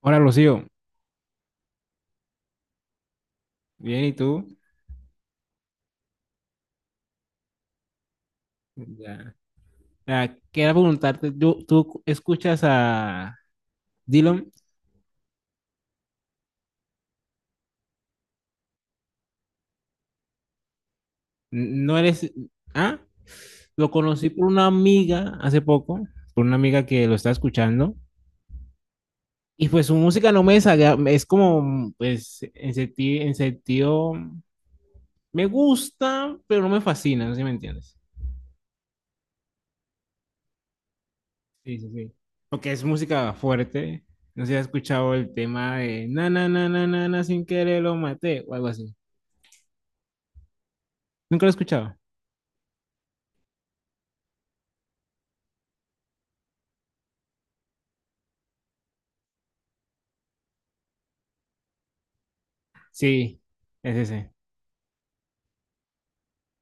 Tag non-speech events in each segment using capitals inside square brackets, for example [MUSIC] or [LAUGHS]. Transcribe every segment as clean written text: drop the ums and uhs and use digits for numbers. Hola, Rocío. Bien, ¿y tú? Ya. Quería preguntarte, ¿tú escuchas a Dylan? ¿No eres... Ah, lo conocí por una amiga hace poco, por una amiga que lo está escuchando, y pues su música no me desagrada, es como, pues, en sentido, me gusta, pero no me fascina, no sé si me entiendes. Sí, sí, sí. Porque es música fuerte, no sé si has escuchado el tema de na, na, na, na, na, na, sin querer lo maté, o algo así. ¿Nunca lo he escuchado? Sí, es ese.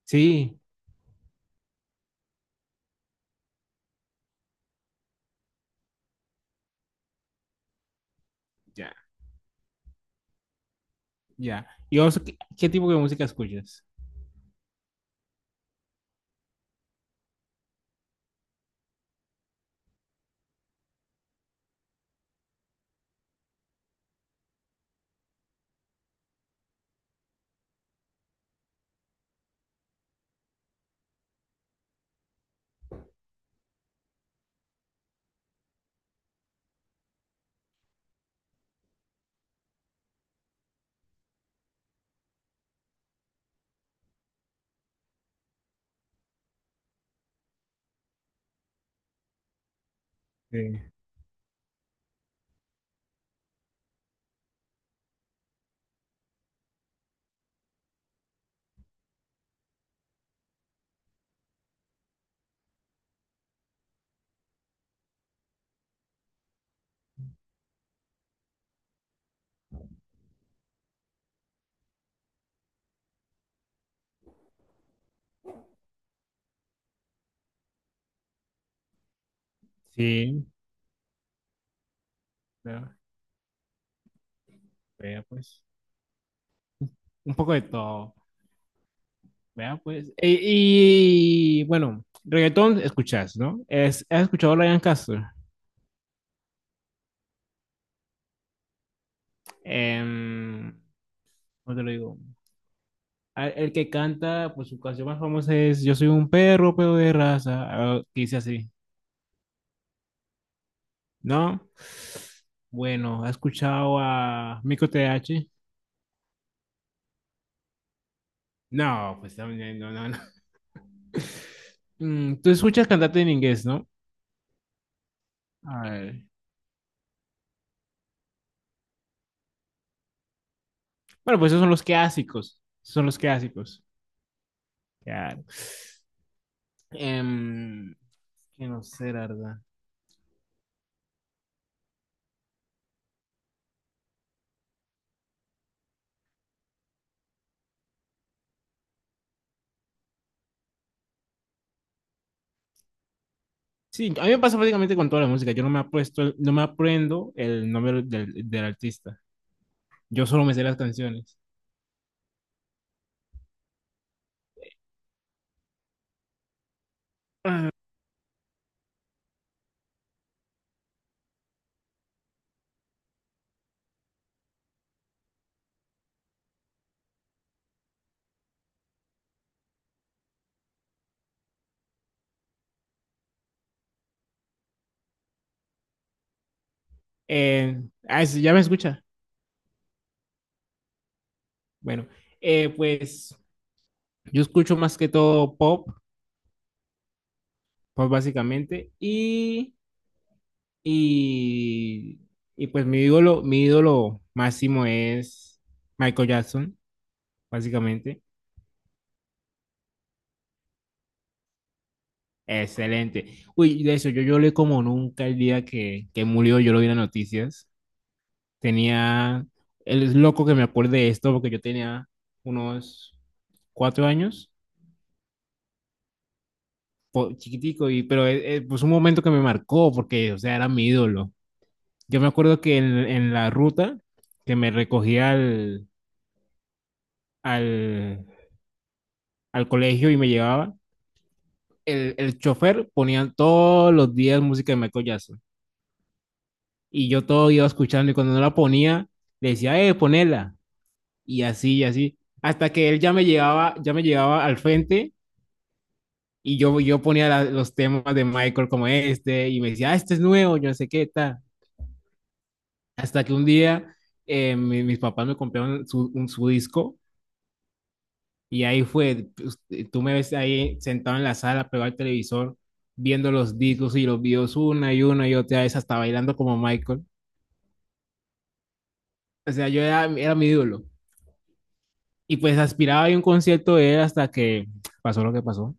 Sí, ya, ya. ¿Y vos qué, qué tipo de música escuchas? Sí, sí, vea, vea, pues. Un poco de todo, vea pues. E- Y, bueno, reggaetón escuchas, ¿no? Es, ¿has escuchado a Ryan Castro? Em, ¿Cómo te lo digo? A- El que canta, pues su canción más famosa es Yo soy un perro, pero de raza, ah, que dice así, ¿no? Bueno, ¿has escuchado a Mico T H? No, pues también, no, no, no. Mm, tú escuchas cantante en inglés, ¿no? A ver. Bueno, pues esos son los clásicos. Esos son los clásicos. Claro. Em, que no sé, la verdad. Sí, a mí me pasa prácticamente con toda la música. Yo no me apuesto, no me aprendo el nombre del artista. Yo solo me sé las canciones. Ah, eh, sí, ya me escucha. Bueno, pues yo escucho más que todo pop, pop básicamente, y Y, y pues mi ídolo máximo es Michael Jackson, básicamente. Excelente. Uy, de eso, yo lloré como nunca el día que murió, yo lo vi en las noticias. Tenía, él es loco que me acuerde de esto porque yo tenía unos 4 años, po- chiquitico, y, pero pues un momento que me marcó porque, o sea, era mi ídolo. Yo me acuerdo que en la ruta que me recogía al, al colegio y me llevaba, el chofer ponía todos los días música de Michael Jackson. Y yo todo iba escuchando y cuando no la ponía, le decía, ponela. Y así, y así. Hasta que él ya me llevaba al frente y yo ponía la- los temas de Michael como este y me decía, ah, este es nuevo, yo no sé qué tal. Hasta que un día mi- mis papás me compraron su, un- su disco y ahí fue, pues, tú me ves ahí sentado en la sala, pegado al televisor, viendo los discos y los videos una y otra vez, hasta bailando como Michael. O sea, yo era, era mi ídolo. Y pues aspiraba a ir a un concierto de él hasta que pasó lo que pasó.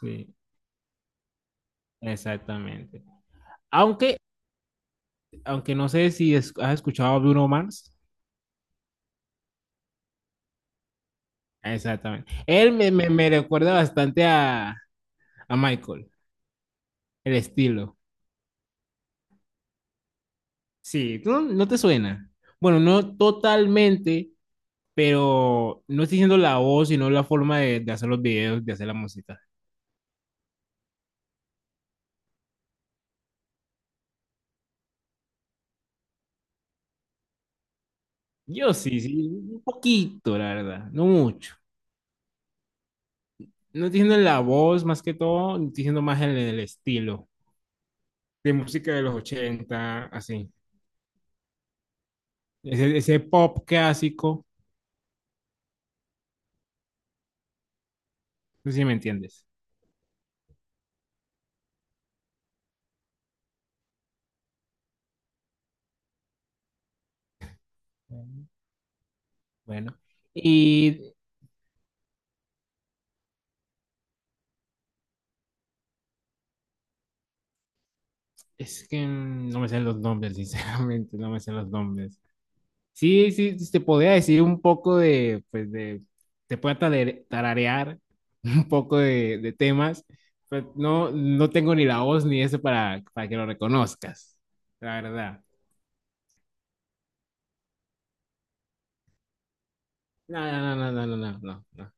Sí, exactamente. Aunque, aunque no sé si es- has escuchado a Bruno Mars. Exactamente. Él me recuerda bastante a Michael, el estilo. Sí, ¿tú no, no te suena? Bueno, no totalmente, pero no estoy diciendo la voz, sino la forma de hacer los videos, de hacer la música. Yo sí, sí, un poquito, la verdad, no mucho. No estoy diciendo la voz más que todo, estoy diciendo más en el estilo de música de los 80 así. Ese pop clásico, no sé si me entiendes. Mm, bueno, Y es que no me sé los nombres, [LAUGHS] sinceramente, no me sé los nombres. Sí, sí, sí, te podría decir un poco de, pues de, te puedo tare- tararear [LAUGHS] un poco de temas, pero no, no tengo ni la voz ni eso para que lo reconozcas, la verdad. No, no, no, no, no, no, no, no, no.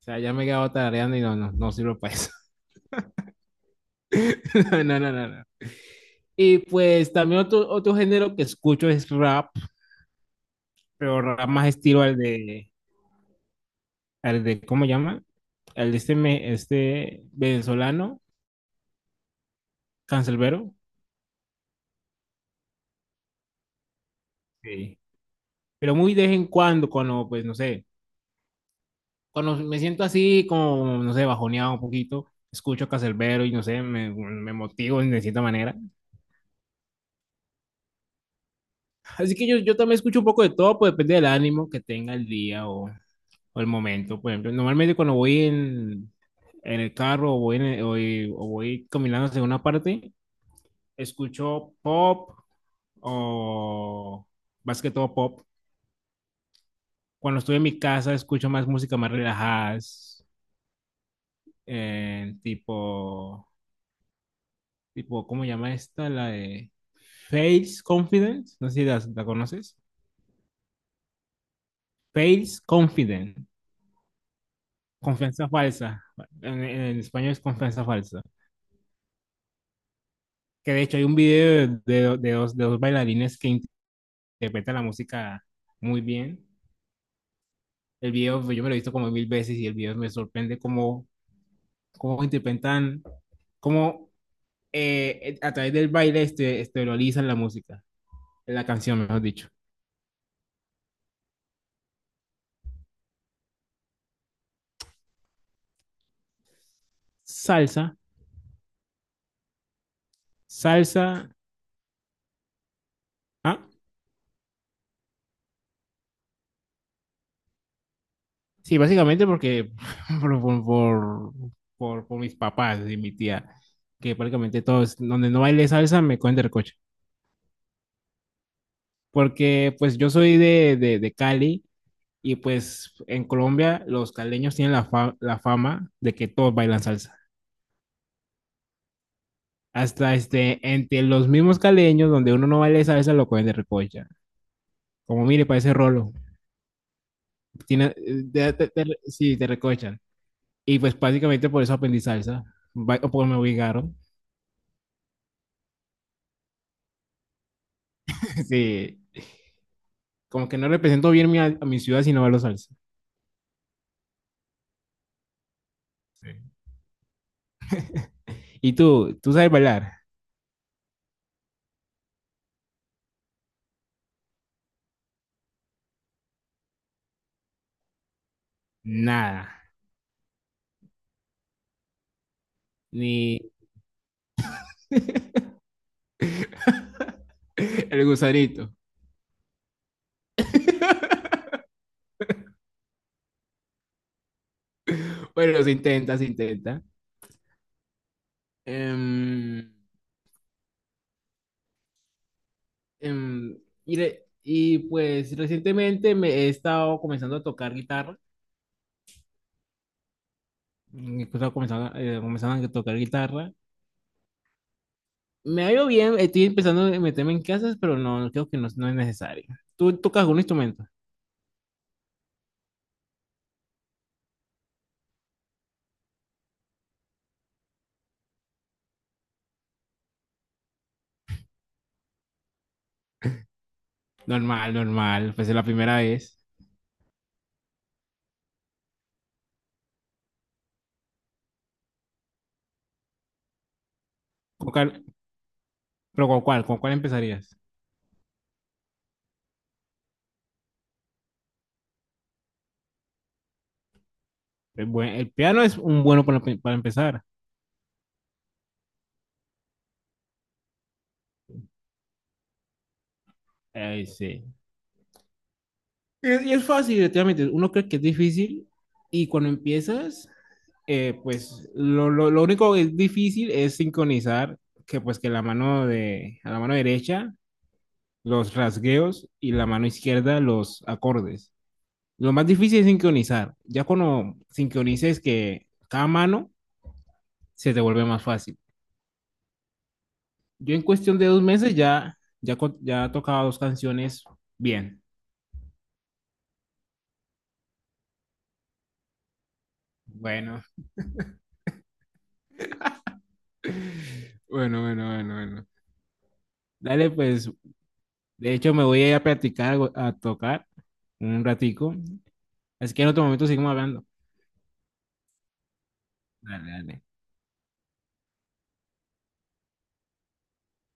O sea, ya me he quedado tarareando y no, no, no sirvo para eso. [LAUGHS] No, no, no, no. Y pues también otro, otro género que escucho es rap, pero rap más estilo al de, ¿cómo llama? Al de este, me- este venezolano, Canserbero. Sí. Pero muy de vez en cuando, cuando, pues, no sé, cuando me siento así como, no sé, bajoneado un poquito, escucho Canserbero y no sé, me motivo de cierta manera. Así que yo también escucho un poco de todo, pues depende del ánimo que tenga el día o el momento. Por ejemplo, normalmente cuando voy en el carro o voy, en el- o voy caminando hacia una parte, escucho pop o más que todo pop. Cuando estoy en mi casa, escucho más música más relajadas, tipo, tipo, ¿cómo llama esta? La de Face Confidence, no sé si la, la conoces. Face Confidence, confianza falsa. En español es confianza falsa. Que de hecho hay un video de dos bailarines que interpreta la música muy bien. El video, pues, yo me lo he visto como 1000 veces y el video me sorprende cómo, cómo interpretan, cómo a través del baile este, esterilizan la música, la canción, mejor dicho. Salsa, salsa. Ah, sí, básicamente porque [LAUGHS] por, por, por, por mis papás y mi tía, que prácticamente todos, donde no baile salsa, me cogen del coche. Porque pues yo soy de Cali. Y pues en Colombia los caleños tienen la, fa la fama de que todos bailan salsa. Hasta este, entre los mismos caleños, donde uno no baila salsa, lo cogen de recocha. Como mire, parece rolo. Tiene, sí, te recochan. Y pues básicamente por eso aprendí salsa. Ba o por me obligaron. [LAUGHS] Sí. Como que no represento bien mi, a mi ciudad si no bailo salsa. Sí. ¿Y tú? ¿Tú sabes bailar? Nada. Ni... [LAUGHS] El gusanito. Bueno, se intenta, se intenta. Em, em, y, re- y pues recientemente me he estado comenzando a tocar guitarra. He estado comenzando, comenzando a tocar guitarra. Me ha ido bien, estoy empezando a meterme en clases, pero no, creo que no, no es necesario. ¿Tú tocas algún instrumento? Normal, normal, pues es la primera vez. ¿Con cuál- pero con cuál empezarías? El, buen- el piano es un bueno para empezar. Ay, sí. Es- Y es fácil, definitivamente. Uno cree que es difícil y cuando empiezas, pues lo único que es difícil es sincronizar que pues que la mano de, a la mano derecha los rasgueos y la mano izquierda los acordes. Lo más difícil es sincronizar. Ya cuando sincronices que cada mano se te vuelve más fácil. Yo en cuestión de 2 meses ya, ya, co- ya tocaba 2 canciones bien. Bueno, [CLEARS THROAT] [LAUGHS] bueno, bueno, bueno, bueno. Dale, pues, de hecho, me voy a ir a practicar, a tocar en un ratico. Así que en otro momento seguimos hablando. Dale, dale.